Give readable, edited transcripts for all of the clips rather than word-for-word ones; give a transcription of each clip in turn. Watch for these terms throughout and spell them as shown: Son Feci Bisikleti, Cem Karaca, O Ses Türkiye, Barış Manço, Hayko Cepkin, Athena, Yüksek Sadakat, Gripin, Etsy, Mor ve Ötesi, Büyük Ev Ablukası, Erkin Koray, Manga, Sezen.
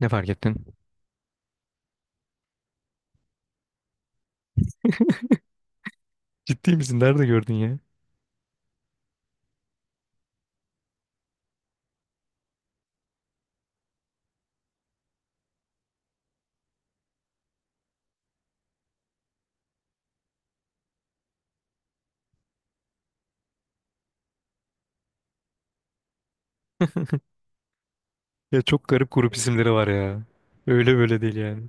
Ne fark ettin? Ciddi misin? Nerede gördün ya? Ya çok garip grup isimleri var ya. Öyle böyle değil yani.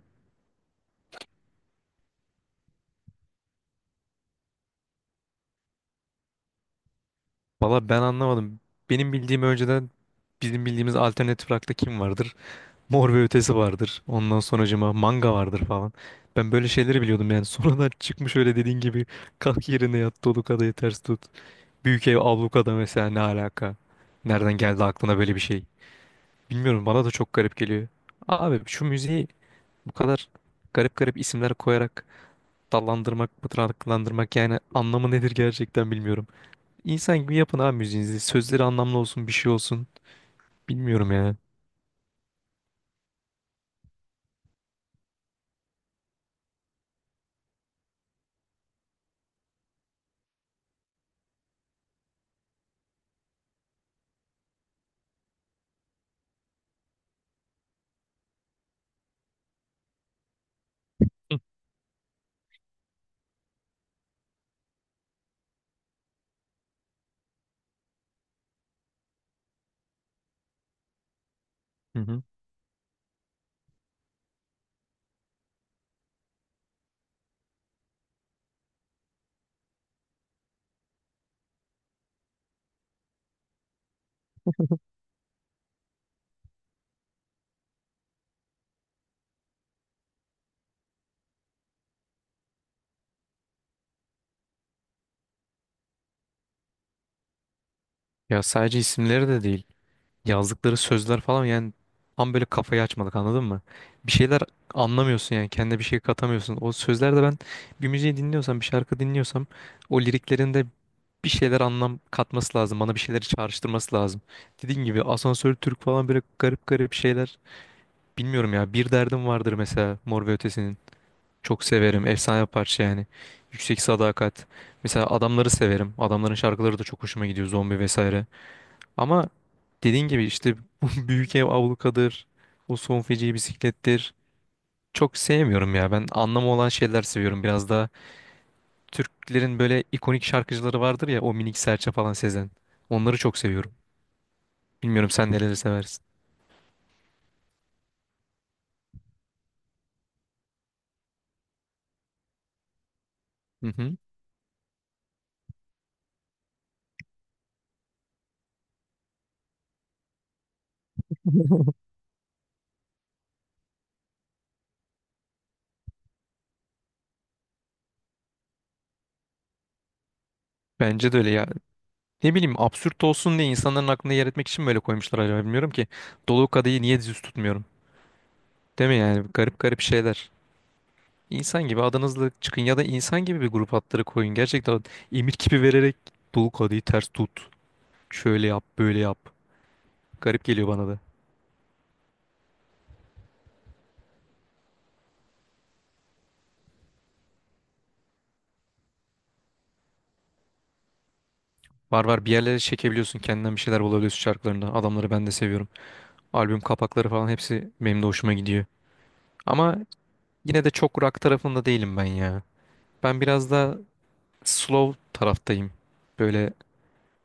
Valla ben anlamadım. Benim bildiğim önceden bizim bildiğimiz alternatif rock'ta kim vardır? Mor ve Ötesi vardır. Ondan sonracıma Manga vardır falan. Ben böyle şeyleri biliyordum yani. Sonradan çıkmış öyle dediğin gibi kalk yerine yat dolu kadayı ters tut. Büyük ev ablukada mesela ne alaka? Nereden geldi aklına böyle bir şey? Bilmiyorum bana da çok garip geliyor. Abi şu müziği bu kadar garip garip isimler koyarak dallandırmak, budaklandırmak yani anlamı nedir gerçekten bilmiyorum. İnsan gibi yapın abi müziğinizi. Sözleri anlamlı olsun, bir şey olsun. Bilmiyorum yani. Hı hı. Hı. Ya sadece isimleri de değil. Yazdıkları sözler falan yani tam böyle kafayı açmadık anladın mı? Bir şeyler anlamıyorsun yani kendine bir şey katamıyorsun. O sözlerde ben bir müziği dinliyorsam, bir şarkı dinliyorsam o liriklerinde bir şeyler anlam katması lazım. Bana bir şeyleri çağrıştırması lazım. Dediğin gibi asansör Türk falan böyle garip garip şeyler. Bilmiyorum ya, bir derdim vardır mesela Mor ve Ötesi'nin. Çok severim. Efsane bir parça yani. Yüksek Sadakat. Mesela adamları severim. Adamların şarkıları da çok hoşuma gidiyor. Zombi vesaire. Ama dediğin gibi işte bu Büyük Ev Ablukadır. O Son Feci Bisiklettir. Çok sevmiyorum ya. Ben anlamı olan şeyler seviyorum. Biraz daha Türklerin böyle ikonik şarkıcıları vardır ya. O Minik Serçe falan, Sezen. Onları çok seviyorum. Bilmiyorum sen neleri seversin. Hı hı. Bence de öyle ya. Ne bileyim, absürt olsun diye insanların aklında yer etmek için mi böyle koymuşlar acaba, bilmiyorum ki. Dolu kadehi niye düz tutmuyorum? Değil mi yani, garip garip şeyler. İnsan gibi adınızla çıkın ya da insan gibi bir grup adları koyun. Gerçekten emir kipi vererek dolu kadehi ters tut. Şöyle yap böyle yap. Garip geliyor bana da. Var var, bir yerlere çekebiliyorsun, kendinden bir şeyler bulabiliyorsun şarkılarında. Adamları ben de seviyorum. Albüm kapakları falan hepsi benim de hoşuma gidiyor. Ama yine de çok rock tarafında değilim ben ya. Ben biraz da slow taraftayım. Böyle,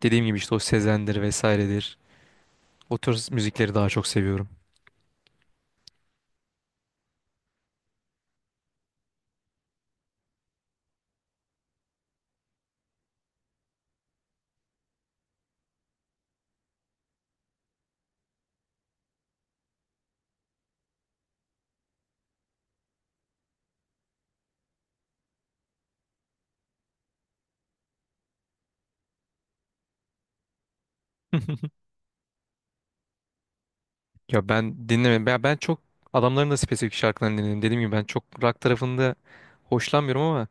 dediğim gibi işte o Sezen'dir vesairedir. O tür müzikleri daha çok seviyorum. Ya ben dinlemem. Ben çok adamların da spesifik şarkılarını dinledim. Dediğim gibi ben çok rock tarafında hoşlanmıyorum ama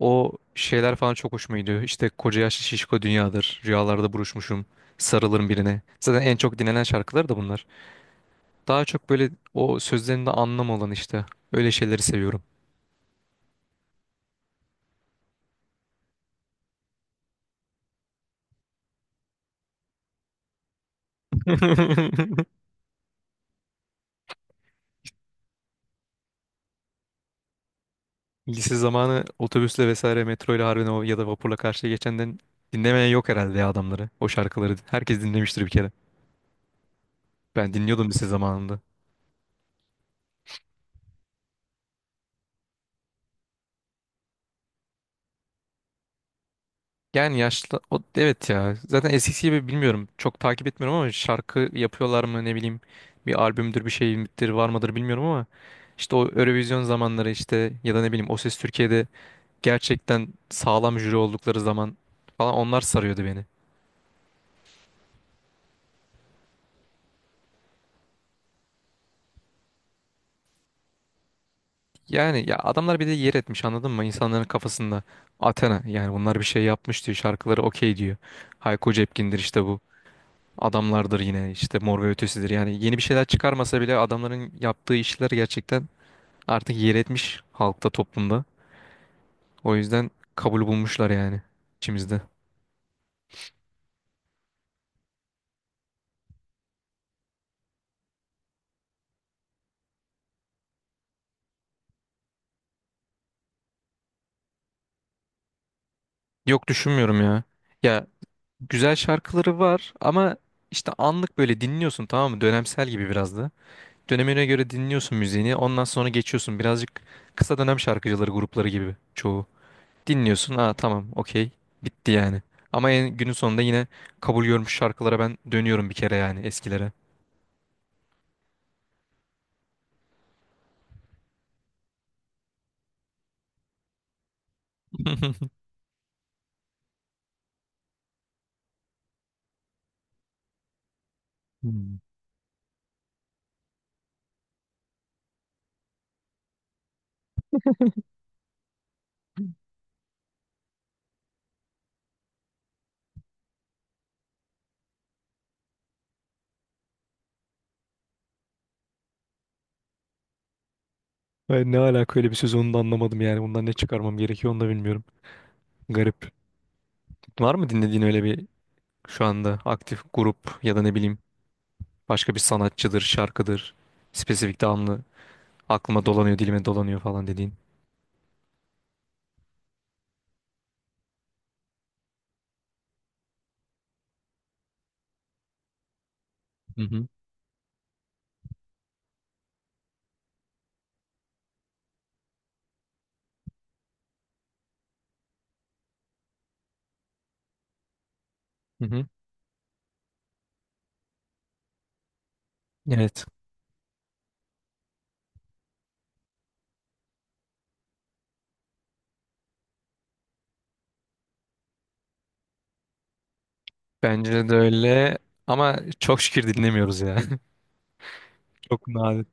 o şeyler falan çok hoşuma gidiyor. İşte koca yaşlı şişko dünyadır. Rüyalarda buruşmuşum. Sarılırım birine. Zaten en çok dinlenen şarkılar da bunlar. Daha çok böyle o sözlerinde anlam olan işte. Öyle şeyleri seviyorum. Lise zamanı otobüsle vesaire metroyla harbiden o ya da vapurla karşıya geçenden dinlemeyen yok herhalde ya adamları. O şarkıları herkes dinlemiştir bir kere. Ben dinliyordum lise zamanında. Yani yaşlı o, evet ya. Zaten eskisi gibi bilmiyorum. Çok takip etmiyorum ama şarkı yapıyorlar mı ne bileyim. Bir albümdür bir şey midir var mıdır bilmiyorum ama işte o Eurovision zamanları, işte ya da ne bileyim O Ses Türkiye'de gerçekten sağlam jüri oldukları zaman falan onlar sarıyordu beni. Yani ya adamlar bir de yer etmiş anladın mı? İnsanların kafasında Athena, yani bunlar bir şey yapmış diyor, şarkıları okey diyor. Hayko Cepkin'dir işte bu. Adamlardır yine işte, Mor ve Ötesi'dir. Yani yeni bir şeyler çıkarmasa bile adamların yaptığı işler gerçekten artık yer etmiş halkta, toplumda. O yüzden kabul bulmuşlar yani içimizde. Yok düşünmüyorum ya. Ya, güzel şarkıları var ama işte anlık böyle dinliyorsun tamam mı? Dönemsel gibi biraz da. Dönemine göre dinliyorsun müziğini. Ondan sonra geçiyorsun. Birazcık kısa dönem şarkıcıları grupları gibi çoğu. Dinliyorsun. Aa, tamam, okey. Bitti yani. Ama en, günün sonunda yine kabul görmüş şarkılara ben dönüyorum bir kere yani, eskilere. Hmm. Ben, ne alaka öyle bir söz, onu da anlamadım yani. Bundan ne çıkarmam gerekiyor onu da bilmiyorum. Garip. Var mı dinlediğin öyle bir, şu anda aktif grup ya da ne bileyim başka bir sanatçıdır, şarkıdır. Spesifik damlı aklıma dolanıyor, dilime dolanıyor falan dediğin. Hı hı. Hı hı. Evet. Bence de öyle ama çok şükür dinlemiyoruz ya. Çok nadir.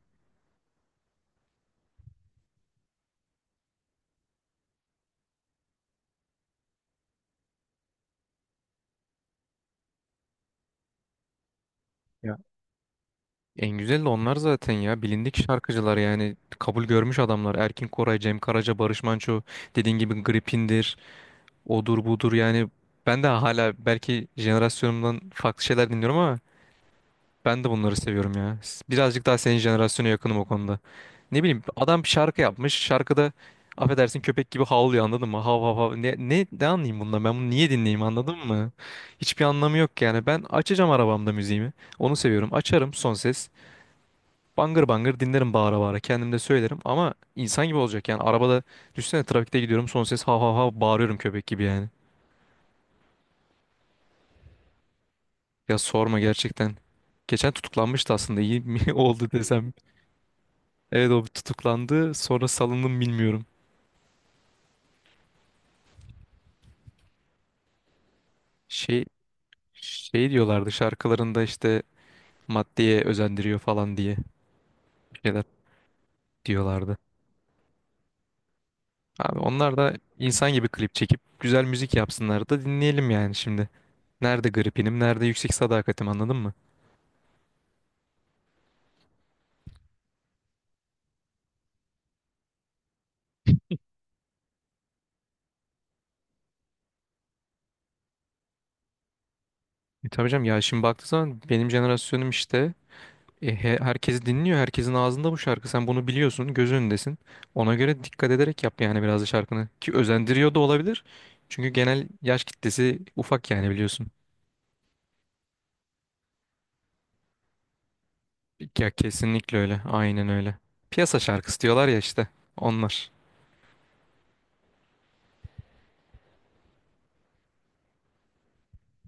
Ya. En güzel de onlar zaten ya. Bilindik şarkıcılar yani. Kabul görmüş adamlar. Erkin Koray, Cem Karaca, Barış Manço. Dediğin gibi Gripin'dir. Odur budur yani. Ben de hala belki jenerasyonumdan farklı şeyler dinliyorum ama ben de bunları seviyorum ya. Birazcık daha senin jenerasyona yakınım o konuda. Ne bileyim, adam bir şarkı yapmış. Şarkıda affedersin köpek gibi havlıyor anladın mı? Hav hav hav. Ne anlayayım bundan? Ben bunu niye dinleyeyim anladın mı? Hiçbir anlamı yok yani. Ben açacağım arabamda müziğimi. Onu seviyorum. Açarım son ses. Bangır bangır dinlerim bağıra bağıra. Kendim de söylerim ama insan gibi olacak yani. Arabada düşünsene, trafikte gidiyorum son ses hav hav hav bağırıyorum köpek gibi yani. Ya sorma gerçekten. Geçen tutuklanmıştı, aslında iyi mi oldu desem. Evet, o tutuklandı. Sonra salındım bilmiyorum. Şey şey diyorlardı şarkılarında işte maddeye özendiriyor falan diye bir şeyler diyorlardı. Abi onlar da insan gibi klip çekip güzel müzik yapsınlar da dinleyelim yani şimdi. Nerede Gripinim, nerede Yüksek Sadakatim anladın mı? E tabii canım ya, şimdi baktığı zaman benim jenerasyonum işte. Herkes dinliyor. Herkesin ağzında bu şarkı. Sen bunu biliyorsun. Göz önündesin. Ona göre dikkat ederek yap yani biraz da şarkını. Ki özendiriyor da olabilir. Çünkü genel yaş kitlesi ufak yani, biliyorsun. Ya kesinlikle öyle. Aynen öyle. Piyasa şarkısı diyorlar ya işte. Onlar.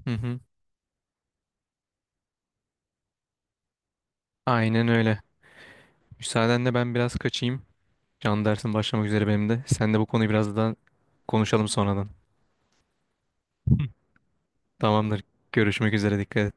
Hı hı. Aynen öyle. Müsaadenle ben biraz kaçayım. Can dersim başlamak üzere benim de. Sen de bu konuyu biraz daha konuşalım sonradan. Tamamdır. Görüşmek üzere. Dikkat et.